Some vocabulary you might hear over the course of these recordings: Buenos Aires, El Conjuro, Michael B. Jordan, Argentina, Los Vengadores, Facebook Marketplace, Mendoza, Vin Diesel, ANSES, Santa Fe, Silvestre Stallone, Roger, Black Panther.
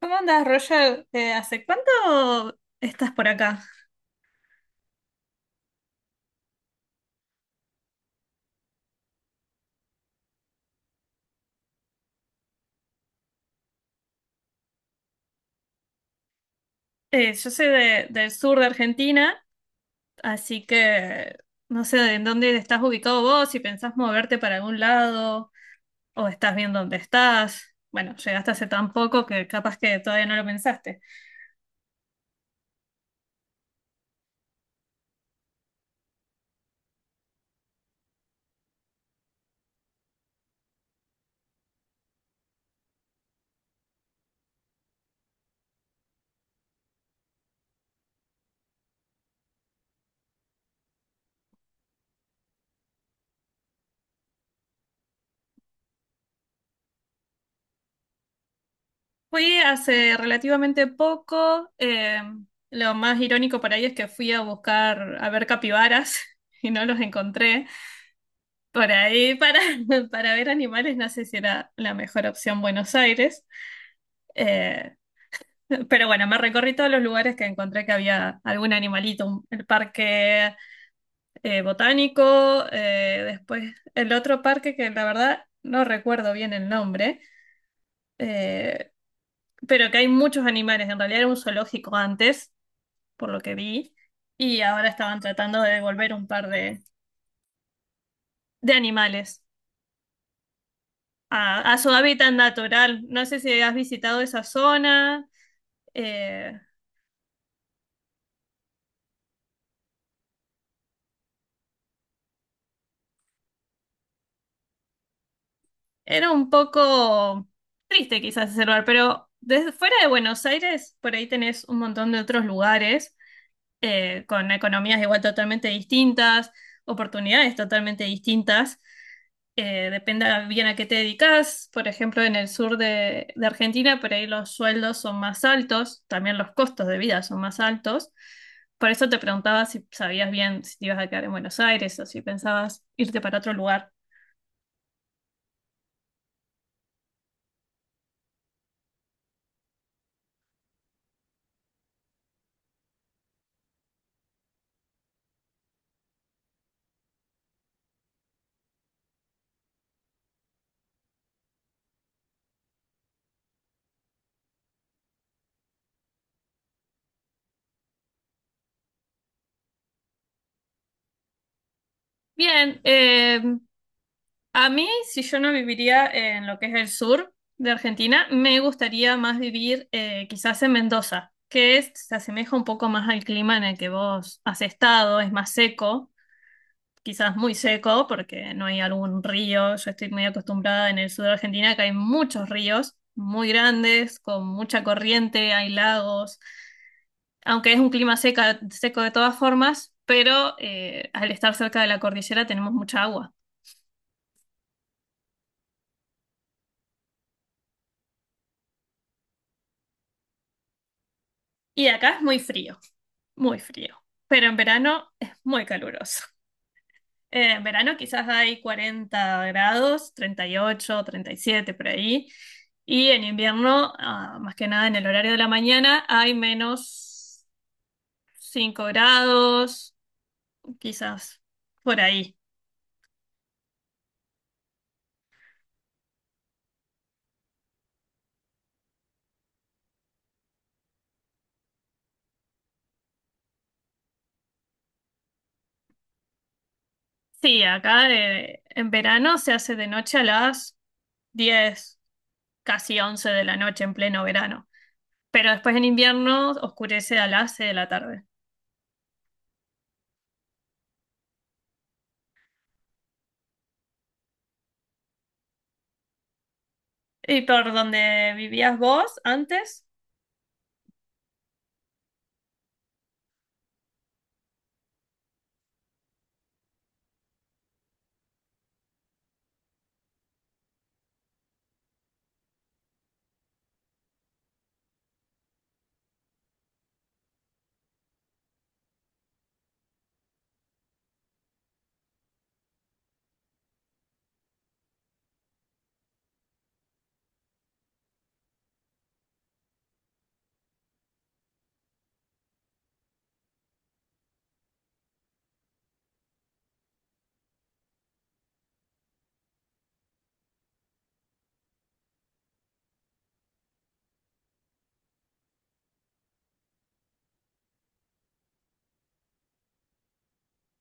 ¿Cómo andas, Roger? ¿Hace cuánto estás por acá? Yo soy del sur de Argentina, así que no sé en dónde estás ubicado vos, si pensás moverte para algún lado o estás bien dónde estás. Bueno, llegaste hace tan poco que capaz que todavía no lo pensaste. Fui hace relativamente poco. Lo más irónico por ahí es que fui a buscar a ver capibaras y no los encontré. Por ahí para ver animales no sé si era la mejor opción Buenos Aires. Eh, pero bueno, me recorrí todos los lugares que encontré que había algún animalito, el parque botánico, después el otro parque que la verdad no recuerdo bien el nombre, eh, pero que hay muchos animales, en realidad era un zoológico antes, por lo que vi, y ahora estaban tratando de devolver un par de animales a su hábitat natural. No sé si has visitado esa zona. Eh, era un poco triste quizás ese lugar, pero desde fuera de Buenos Aires, por ahí tenés un montón de otros lugares con economías igual totalmente distintas, oportunidades totalmente distintas. Depende bien a qué te dedicas. Por ejemplo, en el sur de Argentina, por ahí los sueldos son más altos, también los costos de vida son más altos. Por eso te preguntaba si sabías bien si te ibas a quedar en Buenos Aires o si pensabas irte para otro lugar. Bien, a mí, si yo no viviría en lo que es el sur de Argentina, me gustaría más vivir quizás en Mendoza, que se asemeja un poco más al clima en el que vos has estado, es más seco, quizás muy seco, porque no hay algún río. Yo estoy muy acostumbrada en el sur de Argentina, que hay muchos ríos muy grandes, con mucha corriente, hay lagos, aunque es un clima seca, seco de todas formas, pero al estar cerca de la cordillera tenemos mucha agua. Y acá es muy frío, muy frío, pero en verano es muy caluroso. En verano quizás hay 40 grados, 38, 37 por ahí, y en invierno, ah, más que nada en el horario de la mañana, hay menos 5 grados, quizás por ahí. Sí, acá en verano se hace de noche a las 10, casi 11 de la noche en pleno verano, pero después en invierno oscurece a las 6 de la tarde. ¿Y por donde vivías vos antes?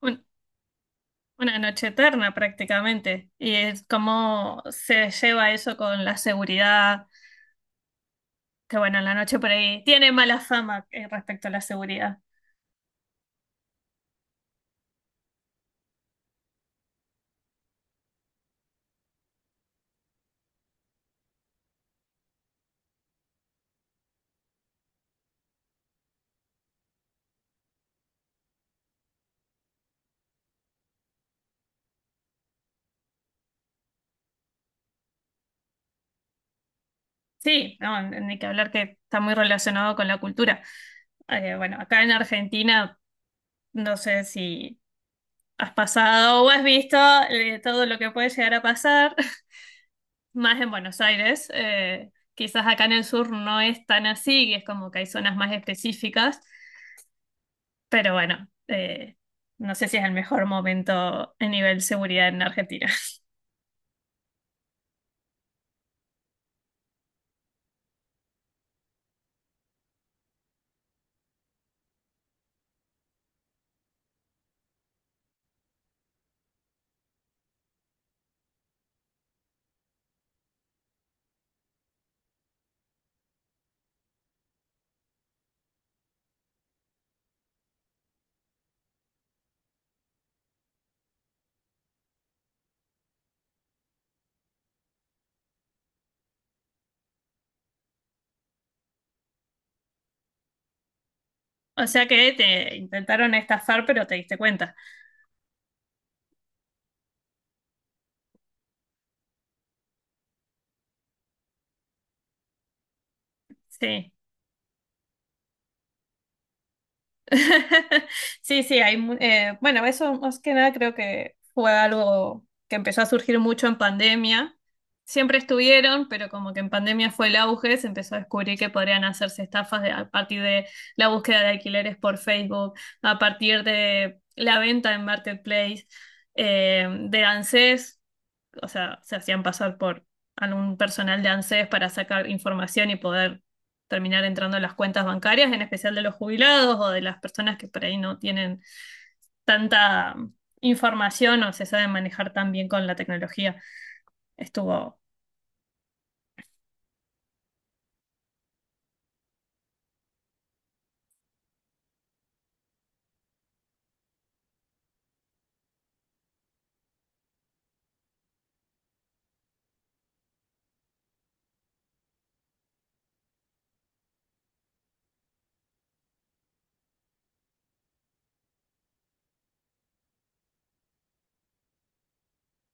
Un- una noche eterna prácticamente. Y es cómo se lleva eso con la seguridad, que bueno, en la noche por ahí tiene mala fama respecto a la seguridad. Sí, no, ni que hablar que está muy relacionado con la cultura. Bueno, acá en Argentina, no sé si has pasado o has visto todo lo que puede llegar a pasar. Más en Buenos Aires. Eh, quizás acá en el sur no es tan así, y es como que hay zonas más específicas, pero bueno, no sé si es el mejor momento a nivel seguridad en Argentina. O sea que te intentaron estafar, pero te diste cuenta. Sí. Sí, sí, hay, bueno, eso más que nada creo que fue algo que empezó a surgir mucho en pandemia. Siempre estuvieron, pero como que en pandemia fue el auge, se empezó a descubrir que podrían hacerse estafas a partir de la búsqueda de alquileres por Facebook, a partir de la venta en Marketplace, de ANSES, o sea, se hacían pasar por algún personal de ANSES para sacar información y poder terminar entrando en las cuentas bancarias, en especial de los jubilados o de las personas que por ahí no tienen tanta información o se saben manejar tan bien con la tecnología. Estuvo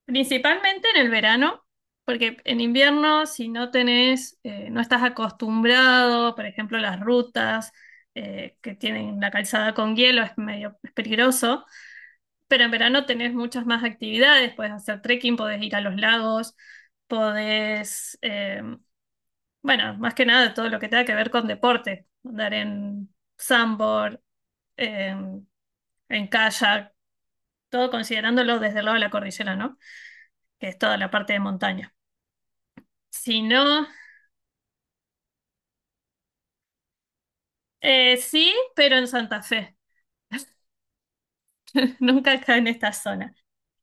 principalmente en el verano, porque en invierno si no tenés, no estás acostumbrado, por ejemplo, las rutas que tienen la calzada con hielo es medio es peligroso. Pero en verano tenés muchas más actividades, podés hacer trekking, podés ir a los lagos, podés, eh, bueno, más que nada todo lo que tenga que ver con deporte, andar en sandboard, en, en kayak, todo considerándolo desde el lado de la cordillera, ¿no? Que es toda la parte de montaña. Si no, sí, pero en Santa Fe, nunca acá en esta zona.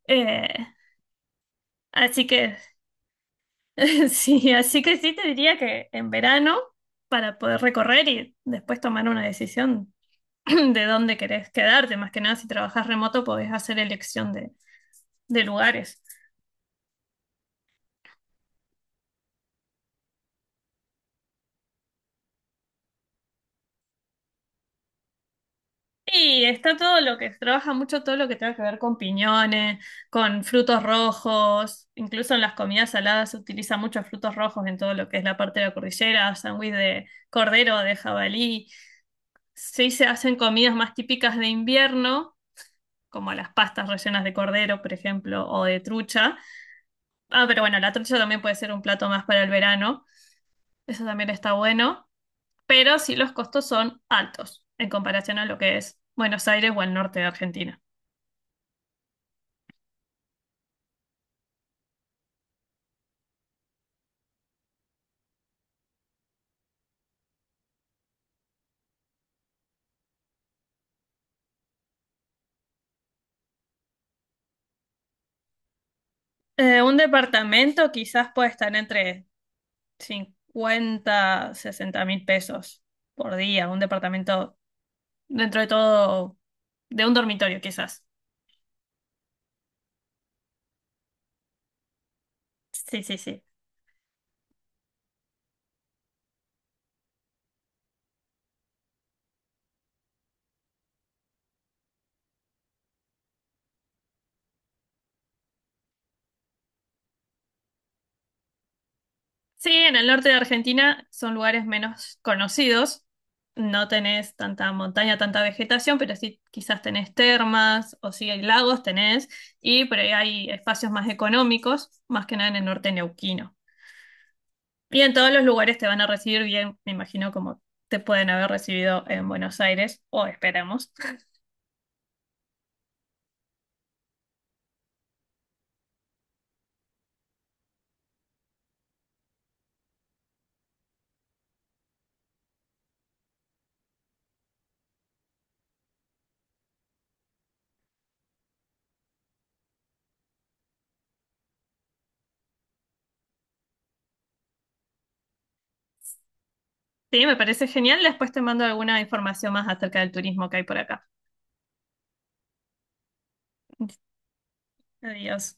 Eh, Así que sí, así que sí te diría que en verano, para poder recorrer y después tomar una decisión de dónde querés quedarte, más que nada si trabajas remoto podés hacer elección de lugares. Y está todo lo que se trabaja mucho, todo lo que tenga que ver con piñones, con frutos rojos, incluso en las comidas saladas se utilizan muchos frutos rojos en todo lo que es la parte de la cordillera, sándwich de cordero, de jabalí. Sí se hacen comidas más típicas de invierno como las pastas rellenas de cordero, por ejemplo, o de trucha. Ah, pero bueno, la trucha también puede ser un plato más para el verano, eso también está bueno, pero sí los costos son altos en comparación a lo que es Buenos Aires o el norte de Argentina. Un departamento quizás puede estar entre 50, 60 mil pesos por día, un departamento dentro de todo, de un dormitorio quizás. Sí, sí, sí. Sí, en el norte de Argentina son lugares menos conocidos. No tenés tanta montaña, tanta vegetación, pero sí quizás tenés termas o sí hay lagos, tenés, y por ahí hay espacios más económicos, más que nada en el norte neuquino. Y en todos los lugares te van a recibir bien, me imagino, como te pueden haber recibido en Buenos Aires, o esperamos. Sí, me parece genial. Después te mando alguna información más acerca del turismo que hay por acá. Adiós.